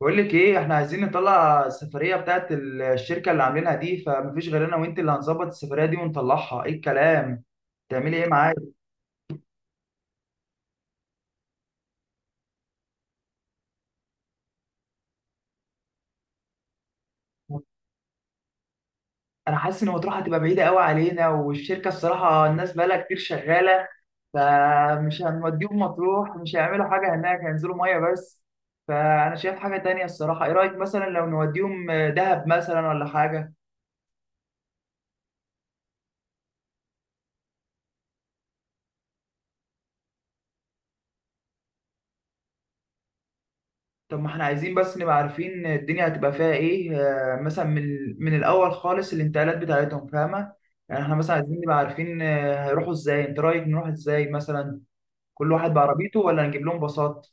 بقول لك ايه، احنا عايزين نطلع السفريه بتاعت الشركه اللي عاملينها دي. فمفيش غير انا وانت اللي هنظبط السفريه دي ونطلعها. ايه الكلام، تعملي ايه معايا؟ انا حاسس ان مطروح هتبقى بعيده قوي علينا، والشركه الصراحه الناس بقالها كتير شغاله، فمش هنوديهم مطروح. مش هيعملوا حاجه هناك، هينزلوا ميه بس. فانا شايف حاجه تانية الصراحه. ايه رايك مثلا لو نوديهم دهب مثلا ولا حاجه؟ طب ما احنا عايزين بس نبقى عارفين الدنيا هتبقى فيها ايه، مثلا من الاول خالص الانتقالات بتاعتهم، فاهمه؟ يعني احنا مثلا عايزين نبقى عارفين، هيروحوا ازاي. انت رايك نروح ازاي مثلا؟ كل واحد بعربيته ولا نجيب لهم باصات؟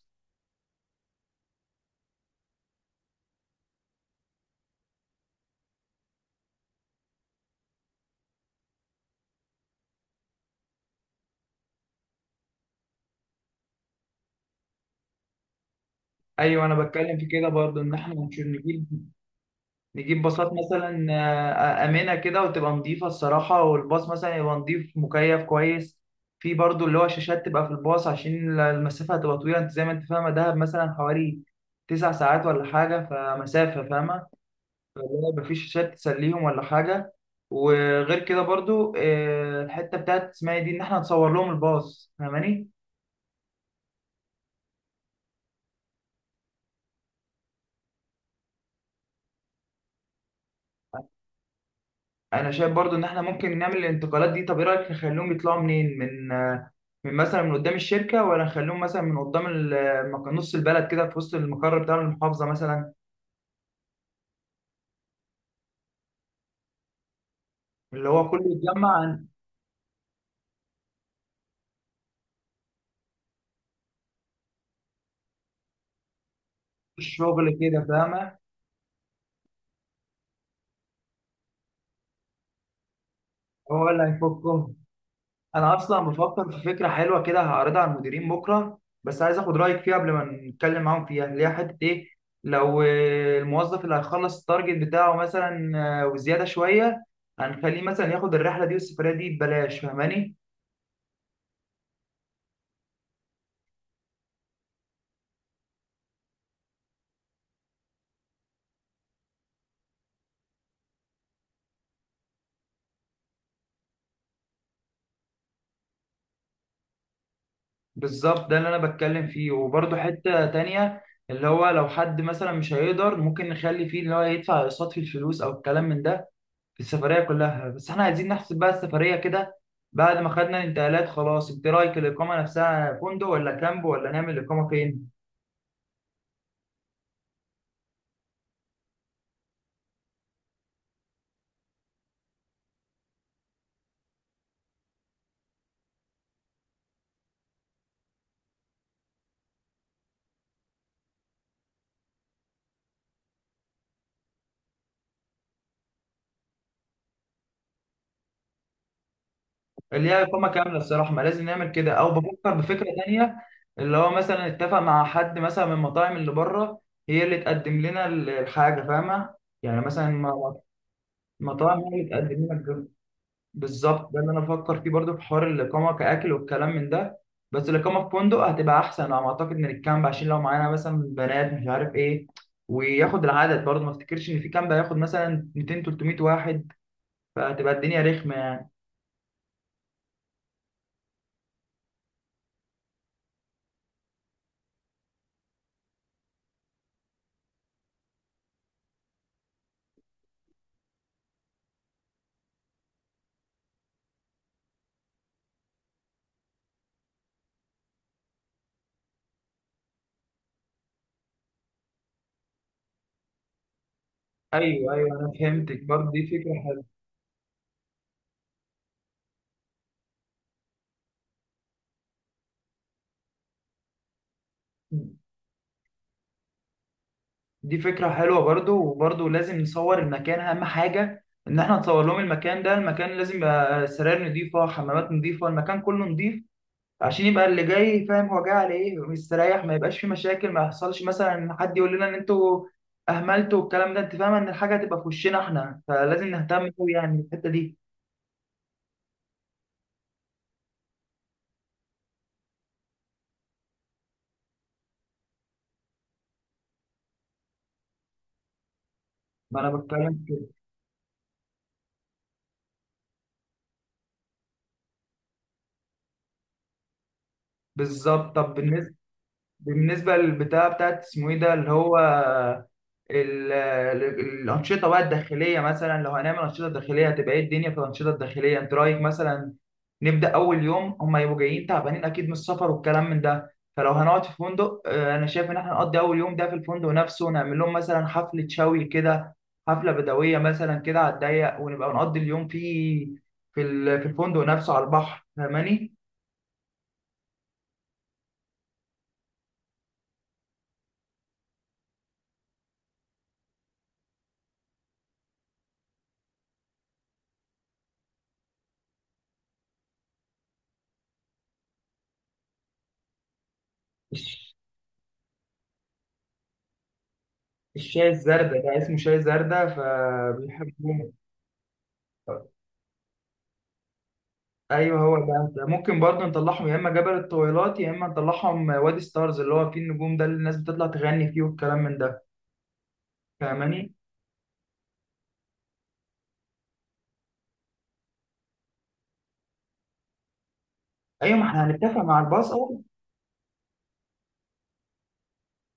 ايوه انا بتكلم في كده برضو، ان احنا مش نجيب باصات مثلا، آمنة كده وتبقى نظيفة الصراحة. والباص مثلا يبقى نظيف مكيف كويس. في برضو اللي هو شاشات تبقى في الباص عشان المسافة هتبقى طويلة. انت زي ما انت فاهمة دهب مثلا حوالي تسع ساعات ولا حاجة، فمسافة، فاهمة؟ فاللي هو مفيش شاشات تسليهم ولا حاجة. وغير كده برضو، الحتة بتاعت اسمها إيه دي، ان احنا نصور لهم الباص، فاهماني؟ انا شايف برضو ان احنا ممكن نعمل الانتقالات دي. طب ايه رأيك نخليهم يطلعوا منين، من مثلا من قدام الشركه، ولا نخليهم مثلا من قدام نص البلد كده في وسط المقر بتاع المحافظه مثلا؟ اللي هو كله يتجمع عن الشغل كده، فاهمه. هو اللي هيفكهم. انا اصلا بفكر في فكره حلوه كده هعرضها على المديرين بكره، بس عايز اخد رايك فيها قبل ما نتكلم معاهم فيها، اللي هي حته ايه. لو الموظف اللي هيخلص التارجت بتاعه مثلا، وزياده شويه، هنخليه مثلا ياخد الرحله دي والسفريه دي ببلاش، فاهماني؟ بالظبط ده اللي انا بتكلم فيه. وبرده حتة تانية، اللي هو لو حد مثلا مش هيقدر، ممكن نخلي فيه اللي هو يدفع اقساط في الفلوس او الكلام من ده في السفرية كلها. بس احنا عايزين نحسب بقى السفرية كده بعد ما خدنا الانتقالات. خلاص انت رايك الاقامة نفسها فندق ولا كامب، ولا نعمل الاقامة فين؟ اللي هي اقامة كاملة الصراحة، ما لازم نعمل كده، او بفكر بفكرة تانية، اللي هو مثلا اتفق مع حد مثلا من المطاعم اللي بره هي اللي تقدم لنا الحاجة، فاهمة؟ يعني مثلا مطاعم هي اللي تقدم لنا الجو. بالظبط ده اللي انا بفكر فيه برضو في حوار الاقامه كاكل والكلام من ده. بس الاقامه في فندق هتبقى احسن على ما اعتقد من الكامب، عشان لو معانا مثلا بنات مش عارف ايه. وياخد العدد برضو، ما افتكرش ان في كامب هياخد مثلا 200 300 واحد، فهتبقى الدنيا رخمه يعني. ايوه ايوه انا فهمتك، برضو دي فكره حلوه. دي فكره حلوه برضو. وبرضو لازم نصور المكان، اهم حاجه ان احنا نصور لهم المكان ده. المكان لازم يبقى سراير نظيفه، حمامات نظيفه، المكان كله نظيف، عشان يبقى اللي جاي فاهم هو جاي على ايه ومستريح. ما يبقاش في مشاكل، ما يحصلش مثلا ان حد يقول لنا ان انتوا اهملتوا والكلام ده، انت فاهم ان الحاجه هتبقى في وشنا احنا، فلازم نهتم قوي يعني بالحته دي. فانا بتكلم كده. بالظبط. طب بالنسبه، بالنسبة للبتاع بتاعت اسمه ايه ده اللي هو الأنشطة بقى الداخلية، مثلا لو هنعمل أنشطة داخلية هتبقى ايه الدنيا في الأنشطة الداخلية؟ انت رأيك مثلا نبدأ أول يوم، هما يبقوا جايين تعبانين أكيد من السفر والكلام من ده، فلو هنقعد في فندق، أنا شايف إن احنا نقضي أول يوم ده في الفندق نفسه، نعمل لهم مثلا حفلة شوي كده، حفلة بدوية مثلا كده على الضيق، ونبقى نقضي اليوم فيه في في الفندق نفسه على البحر، فاهماني؟ الشاي الزردة ده اسمه شاي زردة فبيحبوه. ايوه هو ده ممكن برضه نطلعهم يا اما جبل الطويلات يا اما نطلعهم وادي ستارز اللي هو فيه النجوم ده، اللي الناس بتطلع تغني فيه والكلام من ده، فاهماني؟ ايوه ما احنا هنتفق مع الباص اول.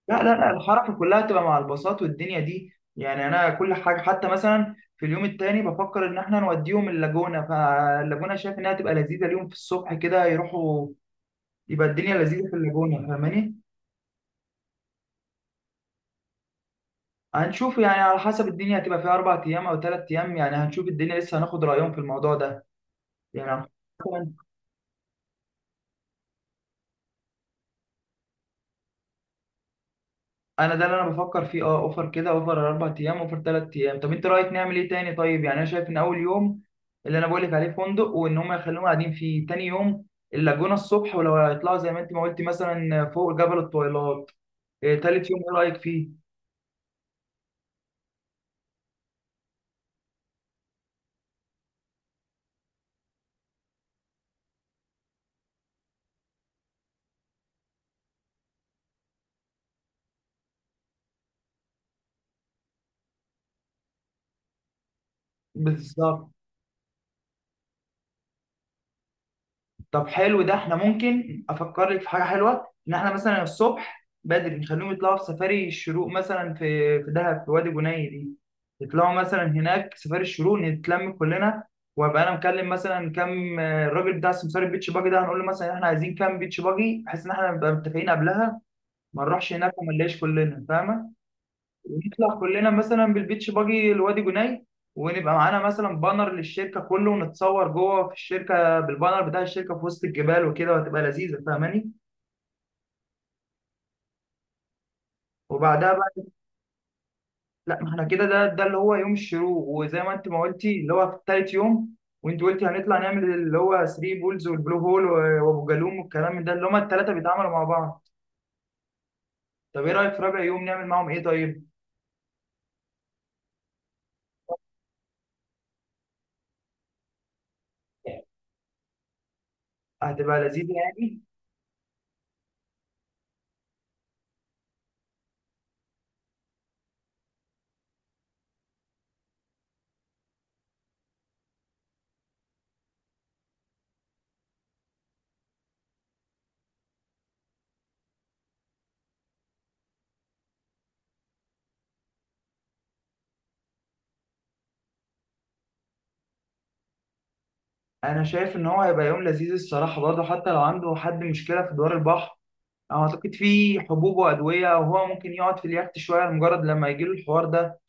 لا لا لا، الحركه كلها تبقى مع الباصات والدنيا دي يعني. انا كل حاجه، حتى مثلا في اليوم التاني بفكر ان احنا نوديهم اللاجونه، فاللاجونه شايف انها تبقى لذيذه اليوم في الصبح كده يروحوا، يبقى الدنيا لذيذه في اللاجونه، فاهماني؟ هنشوف يعني على حسب الدنيا هتبقى فيها أربع أيام أو تلات أيام. يعني هنشوف الدنيا لسه، هناخد رأيهم في الموضوع ده. يعني مثلا. أنا ده اللي أنا بفكر فيه، أوفر كده، أوفر أربع أيام، أوفر تلات أيام. طب أنت رأيك نعمل إيه تاني طيب؟ يعني أنا شايف إن أول يوم اللي أنا بقول لك عليه فندق، وإن هم يخلوهم قاعدين فيه. تاني يوم اللاجونة الصبح، ولو هيطلعوا زي ما أنت ما قلتي مثلا فوق جبل الطويلات. إيه، تالت يوم إيه رأيك فيه؟ بالظبط. طب حلو ده، احنا ممكن افكر لك في حاجه حلوه، ان احنا مثلا الصبح بدري نخليهم يطلعوا في سفاري الشروق مثلا في دهب في وادي بني دي. يطلعوا مثلا هناك سفاري الشروق، نتلم كلنا. وابقى انا مكلم مثلا كام، الراجل بتاع سمسار البيتش باجي ده هنقول له مثلا احنا عايزين كام بيتش باجي، بحيث ان احنا نبقى متفقين قبلها. ما نروحش هناك وما نلاقيش كلنا، فاهمه؟ نطلع كلنا مثلا بالبيتش باجي لوادي جناي، ونبقى معانا مثلا بانر للشركه كله، ونتصور جوه في الشركه بالبانر بتاع الشركه في وسط الجبال وكده، وهتبقى لذيذه، فاهماني؟ وبعدها بقى، لا ما احنا كده، ده اللي هو يوم الشروق، وزي ما انت ما قلتي اللي هو في تالت يوم. وانت قلتي هنطلع نعمل اللي هو 3 بولز والبلو هول وابو جالوم والكلام من ده اللي هما الثلاثه بيتعاملوا مع بعض. طب ايه رايك في رابع يوم نعمل معاهم ايه طيب؟ هتبقى لذيذة يعني. أنا شايف إن هو هيبقى يوم لذيذ الصراحة برضه. حتى لو عنده حد مشكلة في دوار البحر، أعتقد في حبوب وأدوية، وهو ممكن يقعد في اليخت شوية لمجرد لما يجيله الحوار ده.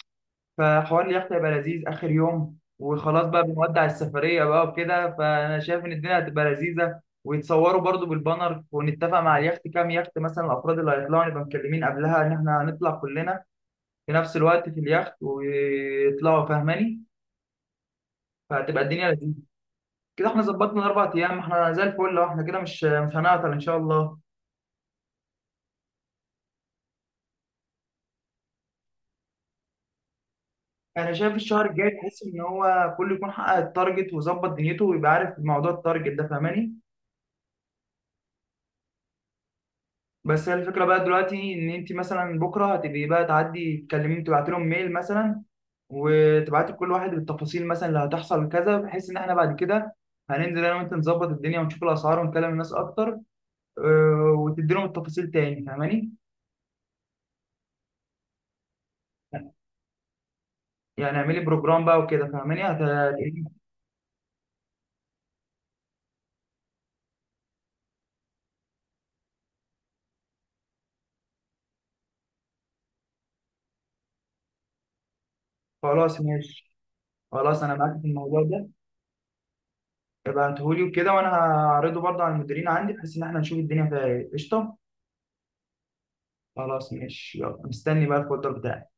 فحوار اليخت هيبقى لذيذ آخر يوم، وخلاص بقى بنودع السفرية بقى وكده. فأنا شايف إن الدنيا هتبقى لذيذة، ويتصوروا برضو بالبانر، ونتفق مع اليخت كام يخت مثلا، الأفراد اللي هيطلعوا نبقى مكلمين قبلها إن إحنا هنطلع كلنا في نفس الوقت في اليخت ويطلعوا، فاهماني؟ فهتبقى الدنيا لذيذة. كده إحنا ظبطنا الأربع أيام، إحنا زي الفل أهو، إحنا كده مش هنعطل إن شاء الله. انا شايف الشهر الجاي تحس ان هو كله يكون حقق التارجت وظبط دنيته ويبقى عارف موضوع التارجت ده، فاهماني؟ بس هي الفكره بقى دلوقتي، ان انت مثلا بكره هتبقي بقى تعدي تكلميهم، تبعت لهم ميل مثلا، وتبعتي لكل واحد بالتفاصيل مثلا اللي هتحصل كذا، بحيث ان احنا بعد كده هننزل انا وانت نظبط الدنيا ونشوف الاسعار ونكلم الناس اكتر، وتدي لهم التفاصيل تاني، فاهماني؟ يعني اعملي بروجرام بقى وكده، فاهماني خلاص ماشي. خلاص انا معاك في الموضوع ده. يبقى انتهولي وكده، وانا هعرضه برضه على المديرين عندي بحيث ان احنا نشوف الدنيا فيها ايه، قشطه. خلاص ماشي، يلا مستني بقى الفولدر بتاعك.